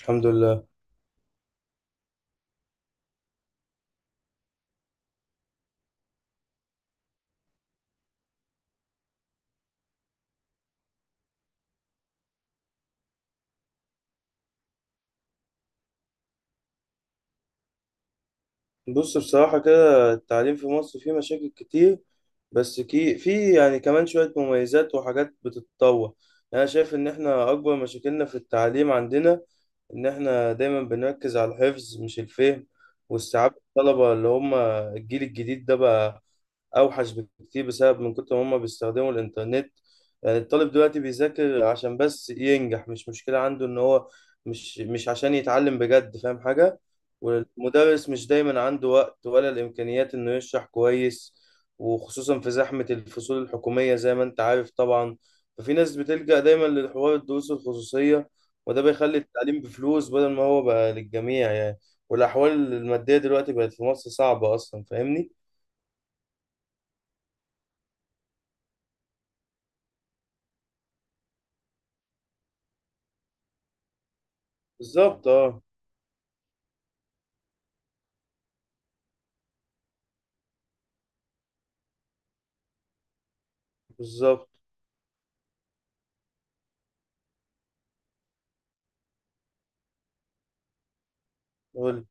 الحمد لله. بص، بصراحة كده التعليم في مصر فيه مشاكل كتير، بس كي في يعني كمان شوية مميزات وحاجات بتتطور. يعني أنا شايف إن إحنا أكبر مشاكلنا في التعليم عندنا إن إحنا دايما بنركز على الحفظ مش الفهم واستيعاب الطلبة اللي هم الجيل الجديد ده بقى اوحش بكتير بسبب من كتر ما هم بيستخدموا الانترنت. يعني الطالب دلوقتي بيذاكر عشان بس ينجح، مش مشكلة عنده ان هو مش عشان يتعلم بجد فاهم حاجة. والمدرس مش دايما عنده وقت ولا الامكانيات انه يشرح كويس، وخصوصا في زحمة الفصول الحكومية زي ما انت عارف طبعا. ففي ناس بتلجأ دايما لحوار الدروس الخصوصية، وده بيخلي التعليم بفلوس بدل ما هو بقى للجميع يعني. والأحوال المادية دلوقتي بقت في مصر صعبة أصلا، فاهمني؟ بالظبط، اه. بالظبط. قول لي.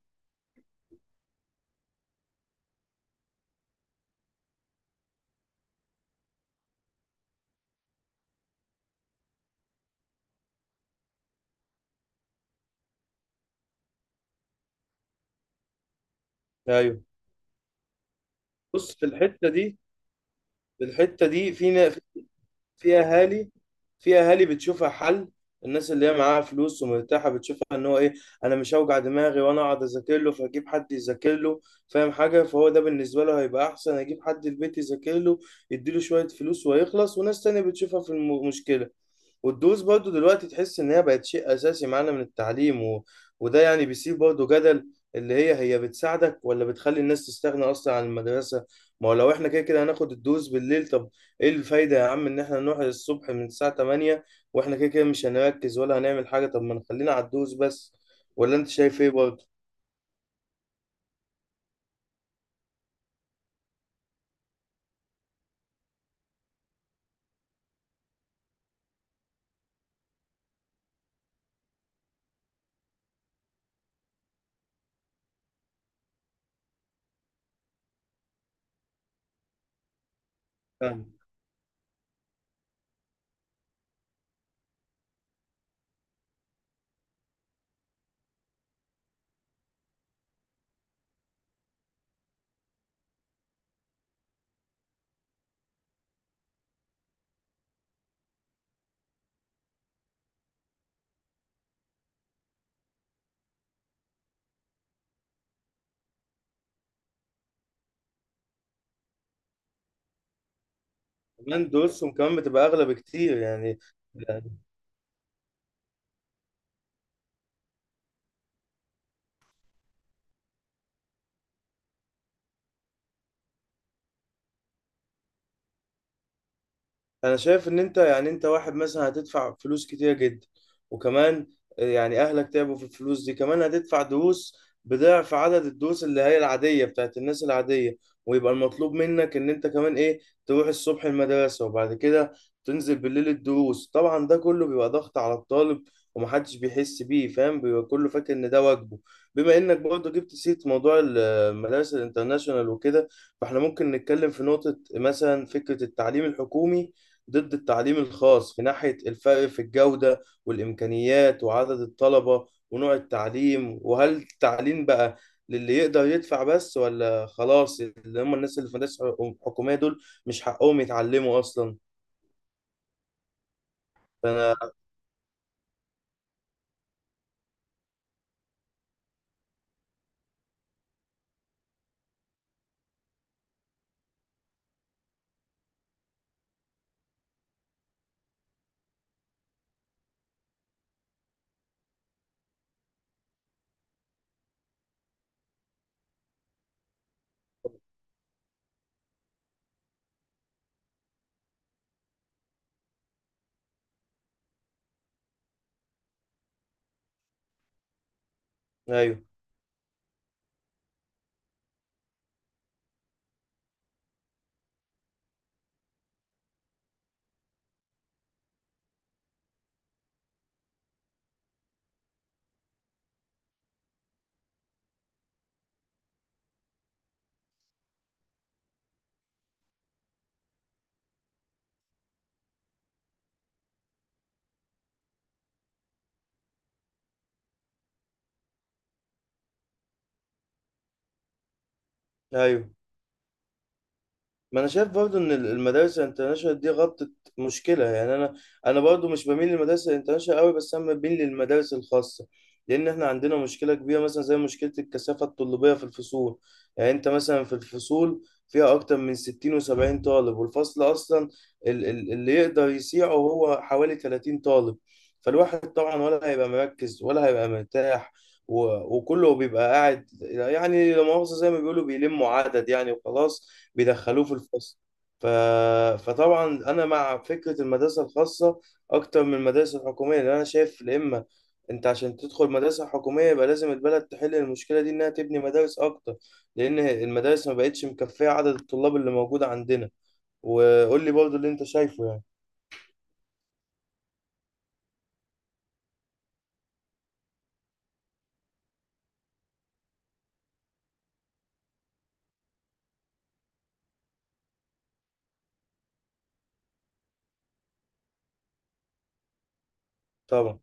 ايوه. بص، في الحته دي في في اهالي في اهالي بتشوفها حل. الناس اللي هي معاها فلوس ومرتاحه بتشوفها ان هو ايه، انا مش هوجع دماغي وانا اقعد اذاكر له، فاجيب حد يذاكر له فاهم حاجه، فهو ده بالنسبه له هيبقى احسن اجيب حد البيت يذاكر له، يديله شويه فلوس ويخلص. وناس تانية بتشوفها في المشكله، والدروس برضو دلوقتي تحس ان هي بقت شيء اساسي معانا من التعليم. وده يعني بيسيب برضو جدل اللي هي بتساعدك ولا بتخلي الناس تستغنى اصلا عن المدرسه. ما هو لو احنا كده كده هناخد الدروس بالليل، طب ايه الفايده يا عم ان احنا نروح الصبح من الساعه 8 واحنا كده كده مش هنركز ولا هنعمل حاجه؟ طب ما نخلينا على الدروس بس، ولا انت شايف ايه برضو؟ فاهم. كمان دروسهم كمان بتبقى اغلى بكتير يعني. انا شايف ان انت يعني انت واحد مثلا هتدفع فلوس كتير جدا، وكمان يعني اهلك تعبوا في الفلوس دي، كمان هتدفع دروس بضعف عدد الدروس اللي هي العادية بتاعت الناس العادية، ويبقى المطلوب منك ان انت كمان ايه، تروح الصبح المدرسة وبعد كده تنزل بالليل الدروس. طبعا ده كله بيبقى ضغط على الطالب ومحدش بيحس بيه، فاهم، بيبقى كله فاكر ان ده واجبه. بما انك برضه جبت سيرة موضوع المدارس الانترناشونال وكده، فاحنا ممكن نتكلم في نقطة مثلا، فكرة التعليم الحكومي ضد التعليم الخاص في ناحية الفرق في الجودة والإمكانيات وعدد الطلبة ونوع التعليم، وهل التعليم بقى للي يقدر يدفع بس ولا خلاص اللي هم الناس اللي في مدارس حكومية دول مش حقهم يتعلموا أصلا؟ فأنا أيوه، أيوه. ما انا شايف برضو ان المدارس الانترناشونال دي غطت مشكله يعني. انا برضو مش بميل للمدارس الانترناشونال قوي، بس انا بميل للمدارس الخاصه، لان احنا عندنا مشكله كبيره مثلا زي مشكله الكثافه الطلابيه في الفصول. يعني انت مثلا في الفصول فيها اكتر من 60 و70 طالب، والفصل اصلا اللي يقدر يسيعه هو حوالي 30 طالب، فالواحد طبعا ولا هيبقى مركز ولا هيبقى مرتاح. وكله بيبقى قاعد يعني، لا مؤاخذة زي ما بيقولوا، بيلموا عدد يعني وخلاص بيدخلوه في الفصل. ف... فطبعا انا مع فكره المدرسه الخاصه اكتر من المدارس الحكوميه، لان انا شايف يا اما انت عشان تدخل مدرسه حكوميه يبقى لازم البلد تحل المشكله دي انها تبني مدارس اكتر، لان المدارس ما بقتش مكفيه عدد الطلاب اللي موجوده عندنا. وقول لي برضو اللي انت شايفه يعني. طبعا.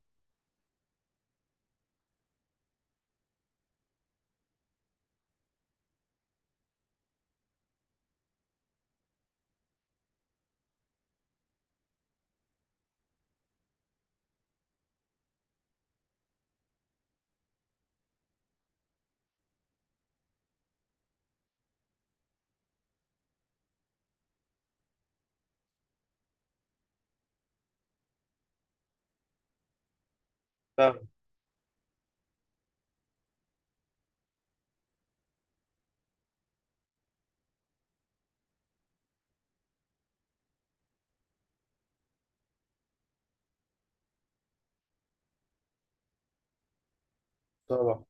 فاهم. طبعا.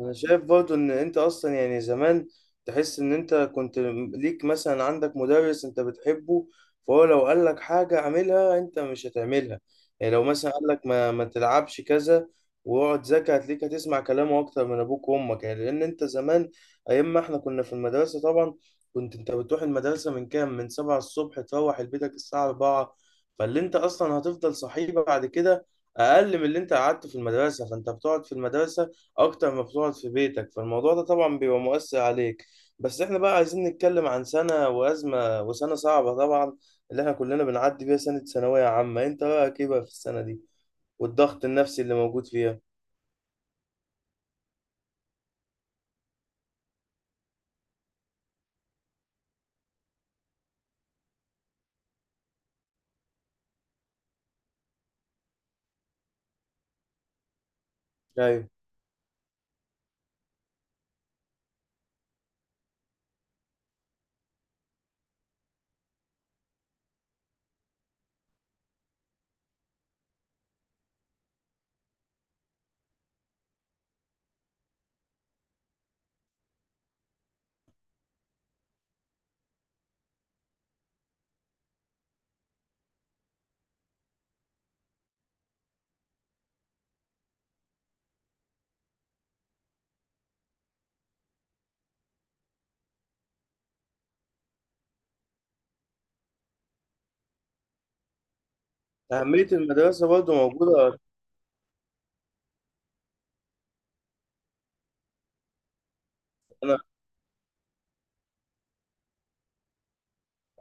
انا شايف برضو ان انت اصلا يعني زمان تحس ان انت كنت ليك مثلا عندك مدرس انت بتحبه، فهو لو قال لك حاجة اعملها انت مش هتعملها. يعني لو مثلا قال لك ما تلعبش كذا واقعد ذاكر، هتلاقيك هتسمع كلامه اكتر من ابوك وامك، يعني لان انت زمان ايام ما احنا كنا في المدرسة طبعا، كنت انت بتروح المدرسة من كام، من 7 الصبح، تروح لبيتك الساعة 4، فاللي انت اصلا هتفضل صحيح بعد كده اقل من اللي انت قعدته في المدرسة، فانت بتقعد في المدرسة اكتر ما بتقعد في بيتك، فالموضوع ده طبعا بيبقى مؤثر عليك. بس احنا بقى عايزين نتكلم عن سنة وأزمة، وسنة صعبة طبعا اللي احنا كلنا بنعدي بيها، سنة ثانوية عامة. انت رأيك ايه بقى في السنة دي والضغط النفسي اللي موجود فيها؟ ايوه. أهمية المدرسة برضه موجودة. أنا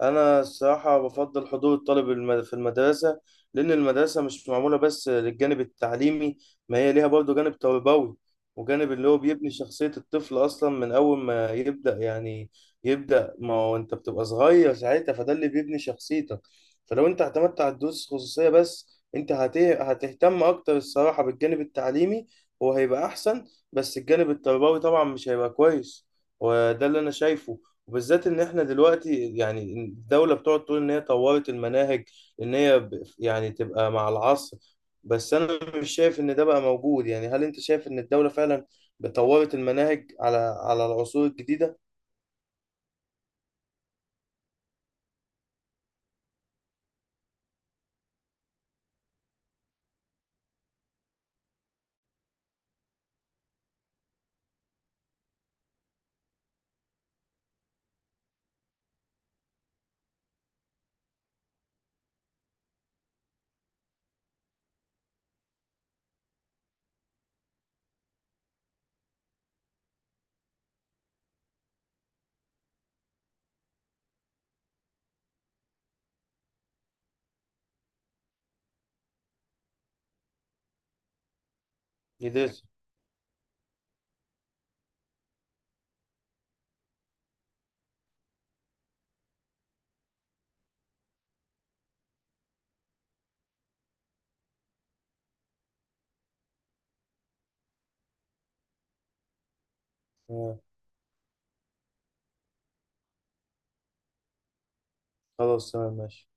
انا الصراحه بفضل حضور الطالب في المدرسه، لان المدرسه مش معموله بس للجانب التعليمي، ما هي ليها برضه جانب تربوي، وجانب اللي هو بيبني شخصيه الطفل اصلا من اول ما يبدا ما هو انت بتبقى صغير ساعتها، فده اللي بيبني شخصيتك. فلو انت اعتمدت على الدروس الخصوصيه بس، انت هتهتم اكتر الصراحه بالجانب التعليمي وهيبقى احسن، بس الجانب التربوي طبعا مش هيبقى كويس. وده اللي انا شايفه. وبالذات ان احنا دلوقتي يعني الدولة بتقعد تقول ان هي طورت المناهج، ان هي يعني تبقى مع العصر، بس انا مش شايف ان ده بقى موجود. يعني هل انت شايف ان الدولة فعلا طورت المناهج على العصور الجديدة؟ جديدة، آه. خلاص، تمام، ماشي.